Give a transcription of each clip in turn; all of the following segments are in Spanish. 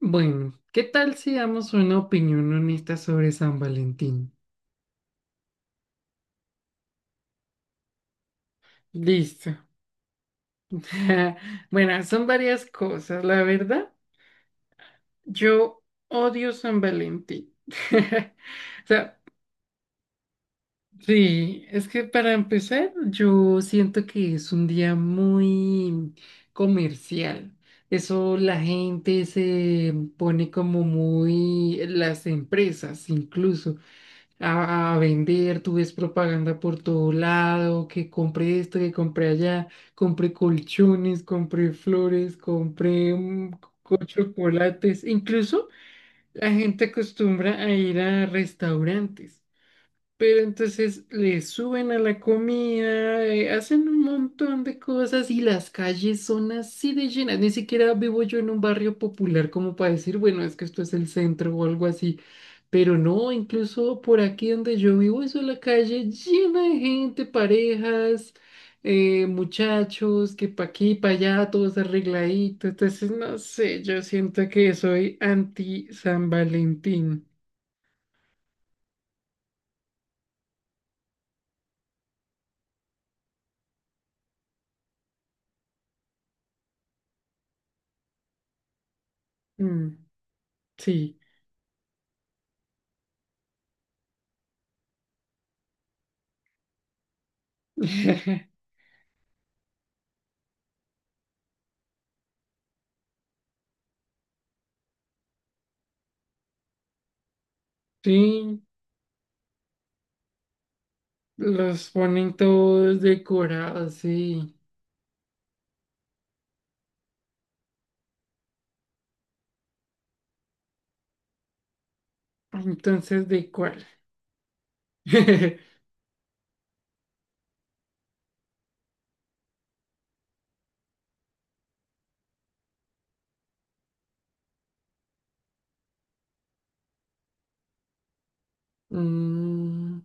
Bueno, ¿qué tal si damos una opinión honesta sobre San Valentín? Listo. Bueno, son varias cosas, la verdad. Yo odio San Valentín. O sea, sí, es que para empezar, yo siento que es un día muy comercial. Eso la gente se pone como muy, las empresas incluso, a vender. Tú ves propaganda por todo lado, que compré esto, que compré allá, compré colchones, compré flores, compré chocolates, incluso la gente acostumbra a ir a restaurantes. Pero entonces le suben a la comida, hacen un montón de cosas y las calles son así de llenas. Ni siquiera vivo yo en un barrio popular como para decir, bueno, es que esto es el centro o algo así. Pero no, incluso por aquí donde yo vivo es la calle llena de gente, parejas, muchachos, que pa' aquí, pa' allá, todos arregladitos. Entonces, no sé, yo siento que soy anti San Valentín. Mm, sí. Sí, los ponen todos decorados, sí. Entonces, ¿de cuál? Mm,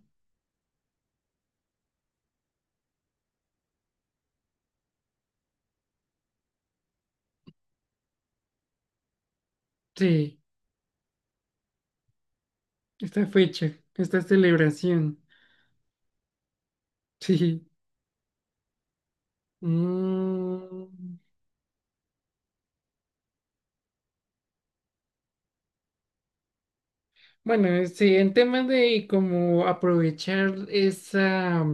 sí, esta fecha, esta celebración. Sí. Mm, bueno, sí, en temas de cómo aprovechar esa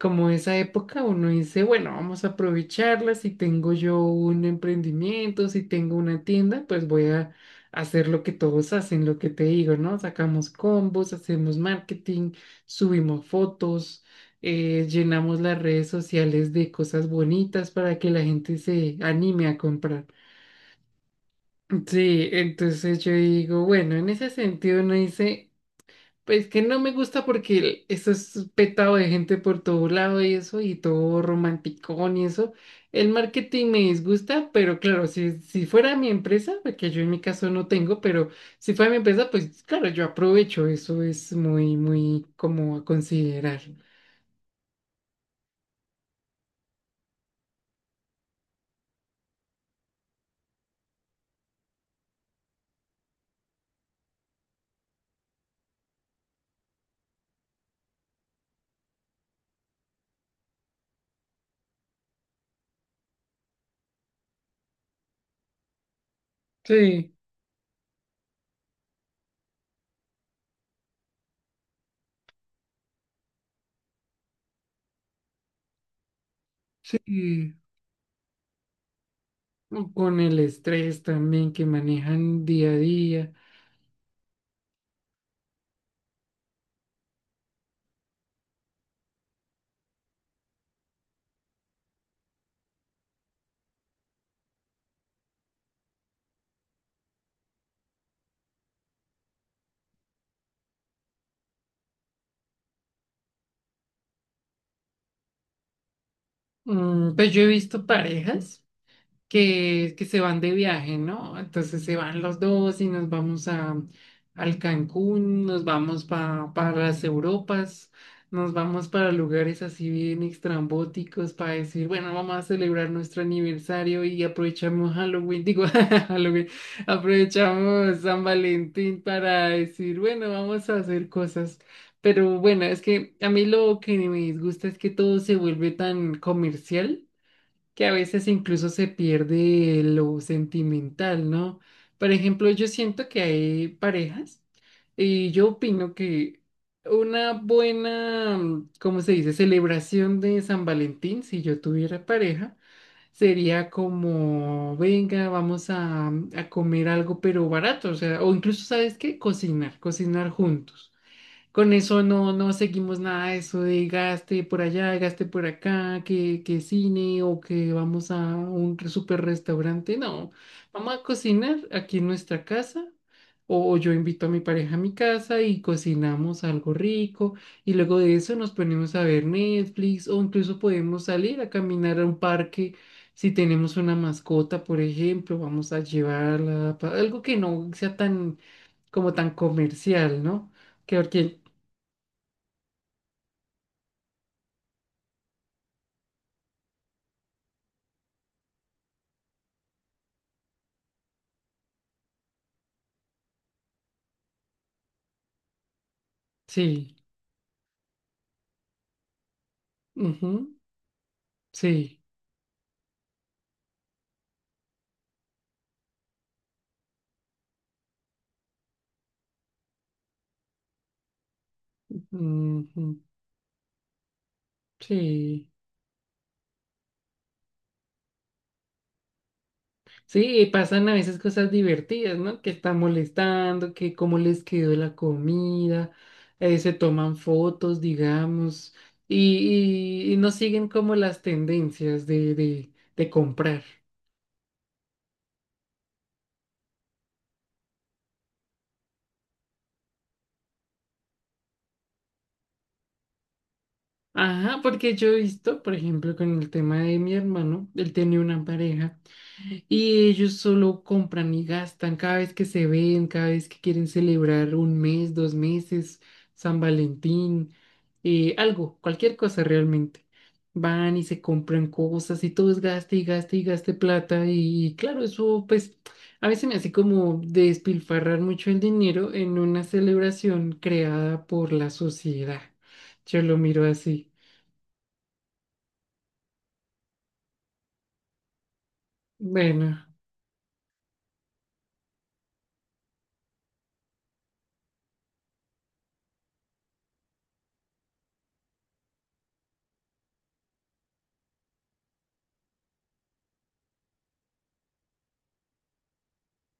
como esa época uno dice, bueno, vamos a aprovecharla, si tengo yo un emprendimiento, si tengo una tienda, pues voy a hacer lo que todos hacen, lo que te digo, ¿no? Sacamos combos, hacemos marketing, subimos fotos, llenamos las redes sociales de cosas bonitas para que la gente se anime a comprar. Sí, entonces yo digo, bueno, en ese sentido uno dice... Pues que no me gusta porque eso es petado de gente por todo lado y eso, y todo romanticón y eso. El marketing me disgusta, pero claro, si fuera mi empresa, porque yo en mi caso no tengo, pero si fuera mi empresa, pues claro, yo aprovecho. Eso es muy, muy como a considerar. Sí, sí. Con el estrés también que manejan día a día. Pues yo he visto parejas que se van de viaje, ¿no? Entonces se van los dos y nos vamos al Cancún, nos vamos para las Europas, nos vamos para lugares así bien extrambóticos para decir, bueno, vamos a celebrar nuestro aniversario y aprovechamos Halloween, digo, Halloween, aprovechamos San Valentín para decir, bueno, vamos a hacer cosas. Pero bueno, es que a mí lo que me disgusta es que todo se vuelve tan comercial que a veces incluso se pierde lo sentimental, ¿no? Por ejemplo, yo siento que hay parejas y yo opino que una buena, ¿cómo se dice?, celebración de San Valentín, si yo tuviera pareja, sería como, venga, vamos a comer algo pero barato, o sea, o incluso, ¿sabes qué? Cocinar, cocinar juntos. Con eso no, no seguimos nada de eso de gaste por allá, gaste por acá, que cine o que vamos a un super restaurante. No, vamos a cocinar aquí en nuestra casa o yo invito a mi pareja a mi casa y cocinamos algo rico y luego de eso nos ponemos a ver Netflix o incluso podemos salir a caminar a un parque. Si tenemos una mascota, por ejemplo, vamos a llevarla, algo que no sea tan como tan comercial, ¿no? que porque Sí, ujú, sí, ujú, sí, sí, y pasan a veces cosas divertidas, ¿no? Que están molestando, que cómo les quedó la comida, se toman fotos, digamos, y no siguen como las tendencias de comprar. Ajá, porque yo he visto, por ejemplo, con el tema de mi hermano, él tenía una pareja. Y ellos solo compran y gastan cada vez que se ven, cada vez que quieren celebrar un mes, dos meses, San Valentín, algo, cualquier cosa realmente. Van y se compran cosas y todo es gaste y gaste y gaste plata. Y claro, eso pues a veces me hace como despilfarrar mucho el dinero en una celebración creada por la sociedad. Yo lo miro así. Bueno.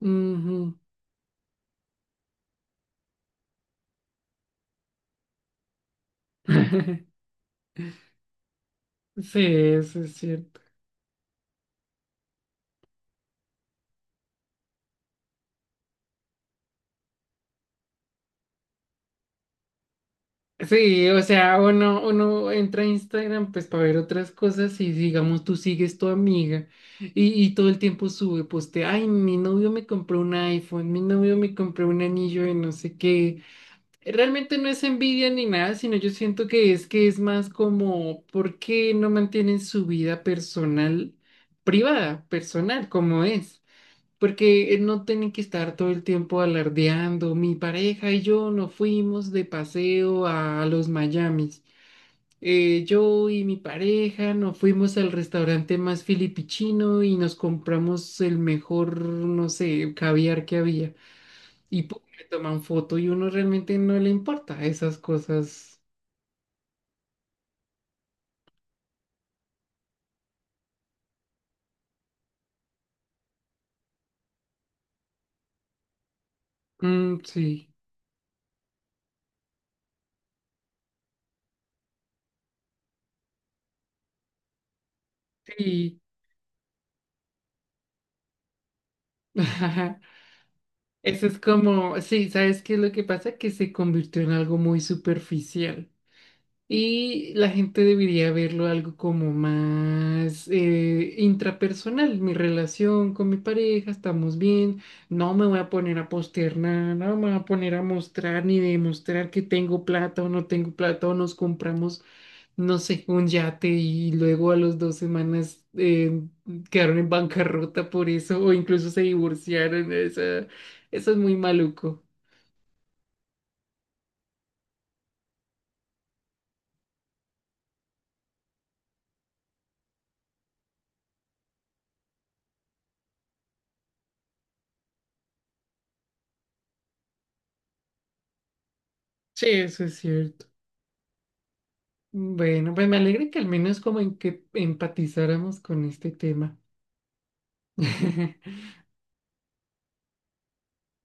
Ujú. Sí, eso es cierto. Sí, o sea, uno entra a Instagram pues para ver otras cosas y digamos tú sigues tu amiga y todo el tiempo sube, poste, ay, mi novio me compró un iPhone, mi novio me compró un anillo de no sé qué. Realmente no es envidia ni nada, sino yo siento que es más como, ¿por qué no mantienen su vida personal, privada, personal, como es? Porque no tienen que estar todo el tiempo alardeando. Mi pareja y yo nos fuimos de paseo a los Miamis. Yo y mi pareja nos fuimos al restaurante más filipichino y nos compramos el mejor, no sé, caviar que había. Y pum, le toman foto y uno realmente no le importa esas cosas. Mm, sí, sí. Eso es como, sí, ¿sabes qué es lo que pasa? Que se convirtió en algo muy superficial. Y la gente debería verlo algo como más intrapersonal. Mi relación con mi pareja, estamos bien. No me voy a poner a postear nada, no me voy a poner a mostrar ni demostrar que tengo plata o no tengo plata o nos compramos, no sé, un yate y luego a las dos semanas quedaron en bancarrota por eso o incluso se divorciaron. Esa- eso es muy maluco. Sí, eso es cierto. Bueno, pues me alegra que al menos como en que empatizáramos con este tema.